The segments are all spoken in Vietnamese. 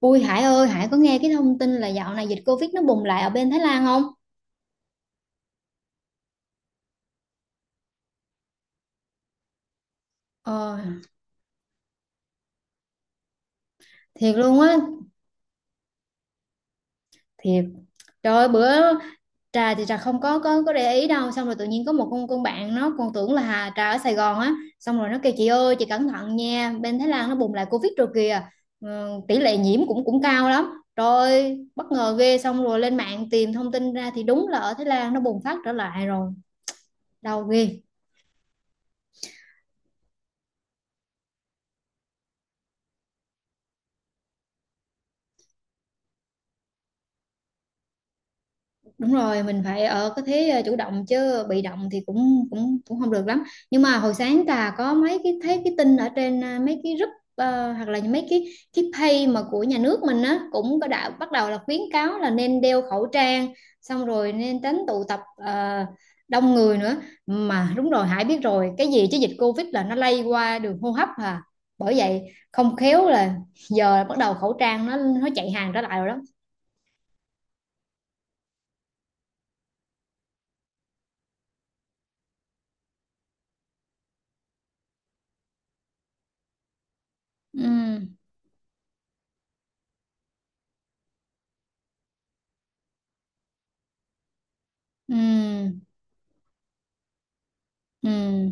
Ui Hải ơi, Hải có nghe cái thông tin là dạo này dịch Covid nó bùng lại ở bên Thái Lan không? Ờ, thiệt luôn á, thiệt. Trời ơi, bữa Trà thì Trà không có để ý đâu, xong rồi tự nhiên có một con bạn nó còn tưởng là Hà Trà ở Sài Gòn á, xong rồi nó kêu chị ơi, chị cẩn thận nha, bên Thái Lan nó bùng lại Covid rồi kìa. Ờ, tỷ lệ nhiễm cũng cũng cao lắm. Rồi, bất ngờ ghê, xong rồi lên mạng tìm thông tin ra thì đúng là ở Thái Lan nó bùng phát trở lại rồi. Đau ghê. Đúng rồi, mình phải ở cái thế chủ động chứ bị động thì cũng cũng cũng không được lắm. Nhưng mà hồi sáng Trà có mấy cái thấy cái tin ở trên mấy cái group, hoặc là mấy cái page mà của nhà nước mình á cũng có, đã bắt đầu là khuyến cáo là nên đeo khẩu trang, xong rồi nên tránh tụ tập đông người nữa. Mà đúng rồi, Hải biết rồi, cái gì chứ dịch Covid là nó lây qua đường hô hấp à. Bởi vậy không khéo là giờ bắt đầu khẩu trang nó chạy hàng trở lại rồi đó. Ừ. Ừ. Ừ.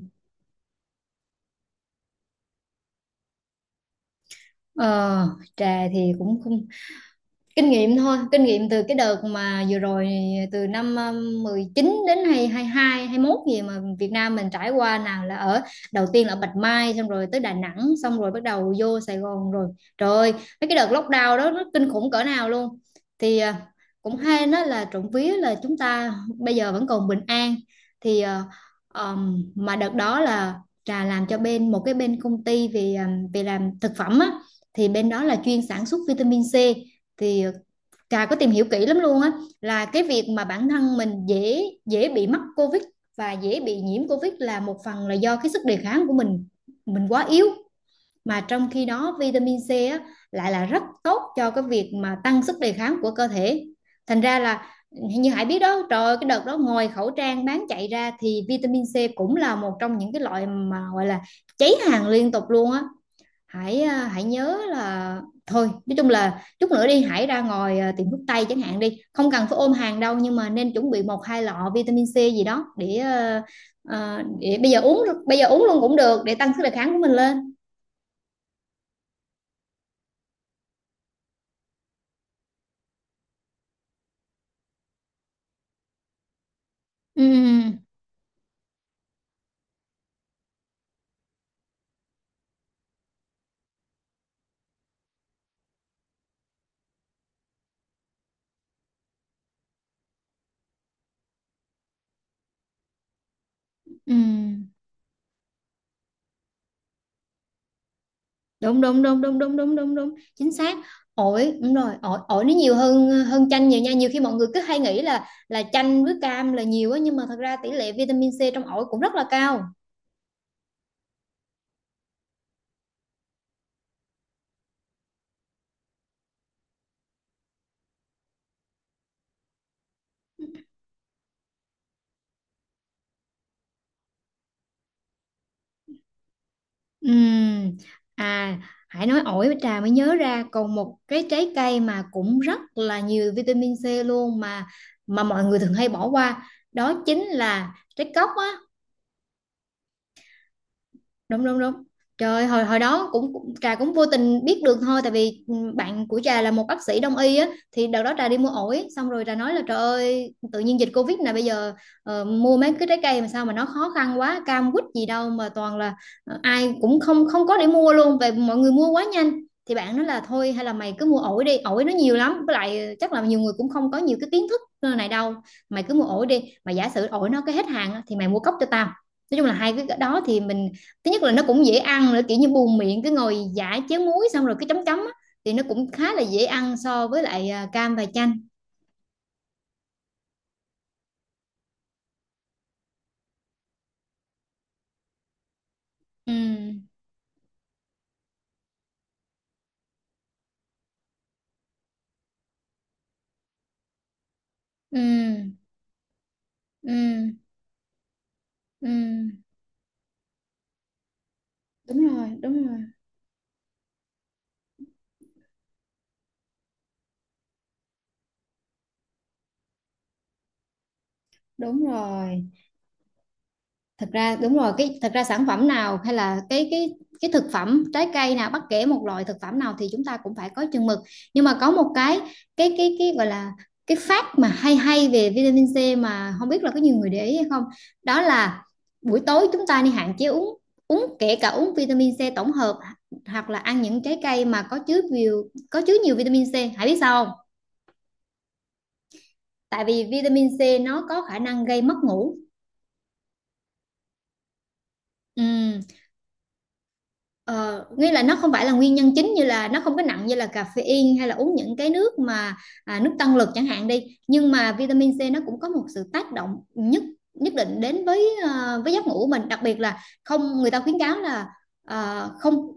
Ờ, trà thì cũng không kinh nghiệm thôi, kinh nghiệm từ cái đợt mà vừa rồi, từ năm 19 đến hay hai hai 21 gì mà Việt Nam mình trải qua, nào là ở đầu tiên là Bạch Mai, xong rồi tới Đà Nẵng, xong rồi bắt đầu vô Sài Gòn rồi. Trời ơi, mấy cái đợt lockdown đó nó kinh khủng cỡ nào luôn, thì cũng hay nó là trộm vía là chúng ta bây giờ vẫn còn bình an, thì mà đợt đó là trà làm cho bên một cái bên công ty về về làm thực phẩm á, thì bên đó là chuyên sản xuất vitamin C, thì Trà có tìm hiểu kỹ lắm luôn á, là cái việc mà bản thân mình dễ dễ bị mắc COVID và dễ bị nhiễm COVID là một phần là do cái sức đề kháng của mình quá yếu, mà trong khi đó vitamin C á, lại là rất tốt cho cái việc mà tăng sức đề kháng của cơ thể. Thành ra là như Hải biết đó, trời ơi, cái đợt đó ngoài khẩu trang bán chạy ra thì vitamin C cũng là một trong những cái loại mà gọi là cháy hàng liên tục luôn á. Hãy nhớ là, thôi nói chung là chút nữa đi hãy ra ngoài tiệm thuốc tây chẳng hạn đi, không cần phải ôm hàng đâu nhưng mà nên chuẩn bị một hai lọ vitamin C gì đó để để bây giờ uống, bây giờ uống luôn cũng được, để tăng sức đề kháng của mình lên. Ừ, ừ. Đúng, đúng, đúng, đúng, đúng, đúng, đúng, đúng, chính xác. Ổi, đúng rồi, ổi ổi nó nhiều hơn hơn chanh nhiều nha, nhiều khi mọi người cứ hay nghĩ là chanh với cam là nhiều á, nhưng mà thật ra tỷ lệ vitamin C trong ổi cũng rất là cao. Ừm. À, Hải nói ổi với trà mới nhớ ra còn một cái trái cây mà cũng rất là nhiều vitamin C luôn, mà mọi người thường hay bỏ qua, đó chính là trái cóc á. Đúng, đúng, đúng. Trời ơi, hồi hồi đó cũng trà cũng vô tình biết được thôi, tại vì bạn của trà là một bác sĩ đông y á, thì đợt đó trà đi mua ổi xong rồi trà nói là trời ơi, tự nhiên dịch covid này bây giờ mua mấy cái trái cây mà sao mà nó khó khăn quá, cam quýt gì đâu mà toàn là ai cũng không không có để mua luôn, về mọi người mua quá nhanh. Thì bạn nói là thôi, hay là mày cứ mua ổi đi, ổi nó nhiều lắm, với lại chắc là nhiều người cũng không có nhiều cái kiến thức này đâu, mày cứ mua ổi đi, mà giả sử ổi nó cái hết hàng á, thì mày mua cốc cho tao. Nói chung là hai cái đó thì mình, thứ nhất là nó cũng dễ ăn nữa, kiểu như buồn miệng cứ ngồi giải chén muối xong rồi cái chấm chấm á, thì nó cũng khá là dễ ăn so với lại cam và chanh. Ừ, ừ, ừ, ừ, đúng rồi, đúng rồi, đúng rồi. Thật ra đúng rồi, cái thật ra sản phẩm nào, hay là cái thực phẩm trái cây nào, bất kể một loại thực phẩm nào thì chúng ta cũng phải có chừng mực, nhưng mà có một cái gọi là cái fact mà hay hay về vitamin C mà không biết là có nhiều người để ý hay không, đó là buổi tối chúng ta nên hạn chế uống uống kể cả uống vitamin C tổng hợp hoặc là ăn những trái cây mà có chứa nhiều vitamin C. Hãy biết sao không? Tại vì vitamin C nó có khả năng gây mất ngủ. Ừm. Ờ, nghĩa là nó không phải là nguyên nhân chính, như là nó không có nặng như là caffeine hay là uống những cái nước mà nước tăng lực chẳng hạn đi, nhưng mà vitamin C nó cũng có một sự tác động nhất nhất định đến với với giấc ngủ của mình, đặc biệt là không, người ta khuyến cáo là không,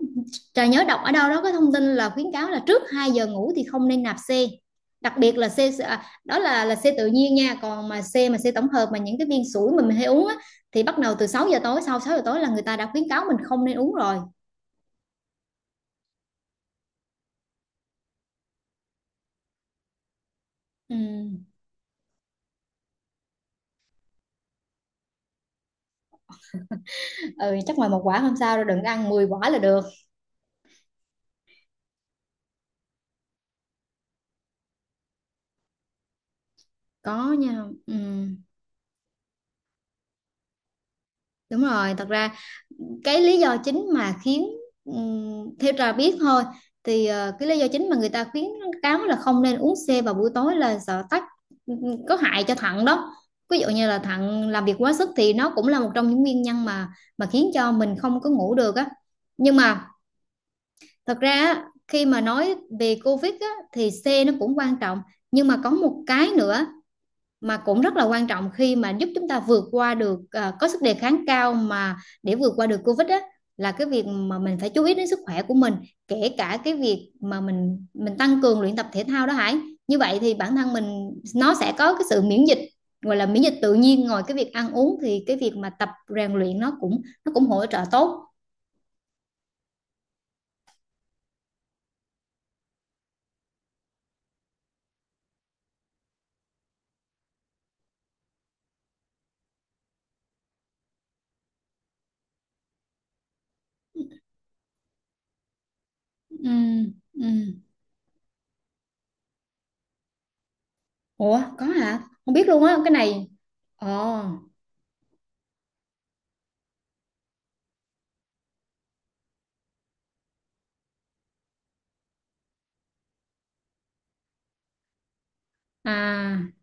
trà nhớ đọc ở đâu đó có thông tin là khuyến cáo là trước 2 giờ ngủ thì không nên nạp C, đặc biệt là C, đó là C tự nhiên nha, còn mà C tổng hợp mà những cái viên sủi mà mình hay uống á, thì bắt đầu từ 6 giờ tối, sau 6 giờ tối là người ta đã khuyến cáo mình không nên uống rồi. Ừ. Ừ, chắc ngoài một quả không sao đâu, đừng có ăn 10 quả là được. Có nha. Ừ. Đúng rồi, thật ra cái lý do chính mà khiến, ừ, theo trà biết thôi, thì cái lý do chính mà người ta khuyến cáo là không nên uống C vào buổi tối là sợ tắc, có hại cho thận đó. Ví dụ như là thận làm việc quá sức thì nó cũng là một trong những nguyên nhân mà khiến cho mình không có ngủ được á. Nhưng mà thật ra á, khi mà nói về COVID á, thì C nó cũng quan trọng, nhưng mà có một cái nữa mà cũng rất là quan trọng khi mà giúp chúng ta vượt qua được, có sức đề kháng cao mà để vượt qua được Covid á, là cái việc mà mình phải chú ý đến sức khỏe của mình, kể cả cái việc mà mình tăng cường luyện tập thể thao đó Hải. Như vậy thì bản thân mình nó sẽ có cái sự miễn dịch, gọi là miễn dịch tự nhiên, ngoài cái việc ăn uống thì cái việc mà tập rèn luyện nó cũng hỗ trợ tốt. Ừ, ừ. Ủa, có hả? Không biết luôn á cái này. Ồ. À.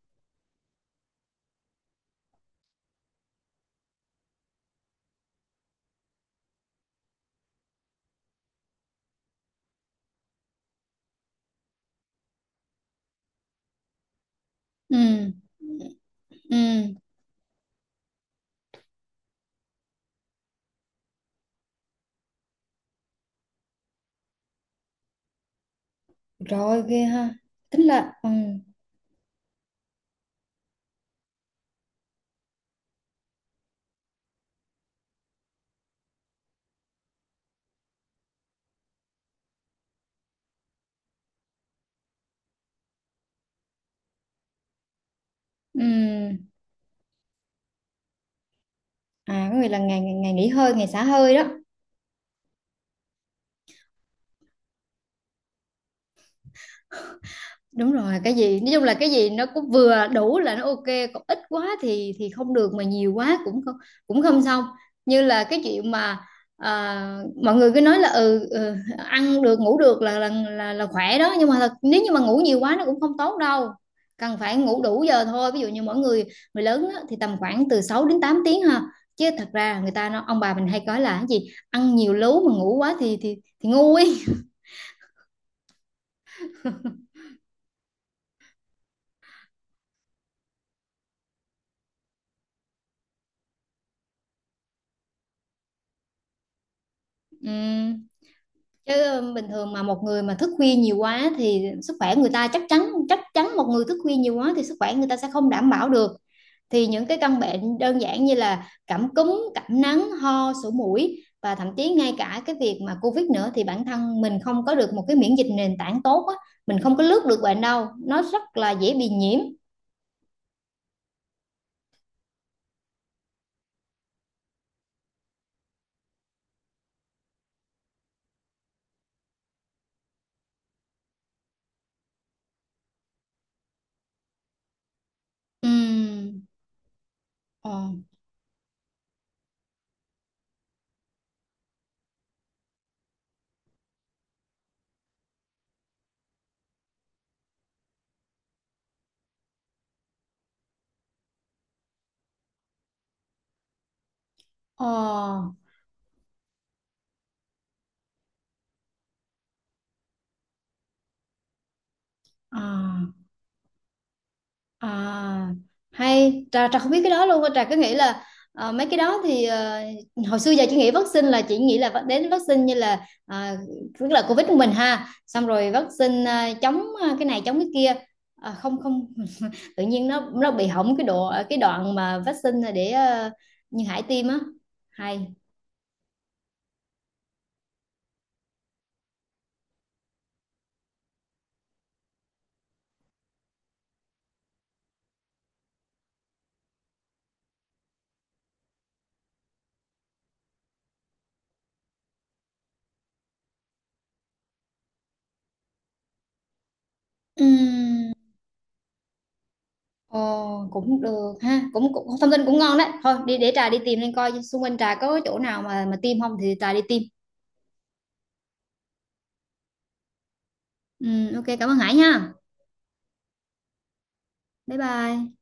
Ừ, ừ. Rồi ghê ha, tính là ừ, ừ, à, có nghĩa là ngày ngày ngày nghỉ hơi, ngày xả hơi đó. Đúng rồi, cái gì nói chung là cái gì nó cũng vừa đủ là nó ok, còn ít quá thì không được, mà nhiều quá cũng không xong, như là cái chuyện mà mọi người cứ nói là, ừ, ừ, ăn được ngủ được là khỏe đó, nhưng mà thật, nếu như mà ngủ nhiều quá nó cũng không tốt đâu, cần phải ngủ đủ giờ thôi, ví dụ như mỗi người, người lớn á, thì tầm khoảng từ 6 đến 8 tiếng ha, chứ thật ra người ta, nó ông bà mình hay nói là cái gì ăn nhiều lú, mà ngủ quá thì ngu ấy. Ừ. Chứ bình thường mà một người mà thức khuya nhiều quá thì sức khỏe người ta chắc chắn, một người thức khuya nhiều quá thì sức khỏe người ta sẽ không đảm bảo được, thì những cái căn bệnh đơn giản như là cảm cúm, cảm nắng, ho, sổ mũi, và thậm chí ngay cả cái việc mà Covid nữa, thì bản thân mình không có được một cái miễn dịch nền tảng tốt á, mình không có lướt được bệnh đâu, nó rất là dễ bị nhiễm. Ừm. Ờ, ờ, ờ. À, hay trà trà không biết cái đó luôn á. Trà cứ nghĩ là mấy cái đó thì hồi xưa giờ chị nghĩ vaccine là, chị nghĩ là đến vaccine như là tức là Covid của mình ha, xong rồi vaccine chống cái này chống cái kia. À, không không. Tự nhiên nó bị hỏng cái độ, cái đoạn mà vaccine để như Hải tiêm á, hay. Ừm. Ồ, cũng được ha, cũng thông tin cũng ngon đấy, thôi đi để trà đi tìm lên coi xung quanh trà có chỗ nào mà tiêm không, thì trà đi tiêm. Ừ, ok, cảm ơn Hải ha. Bye bye.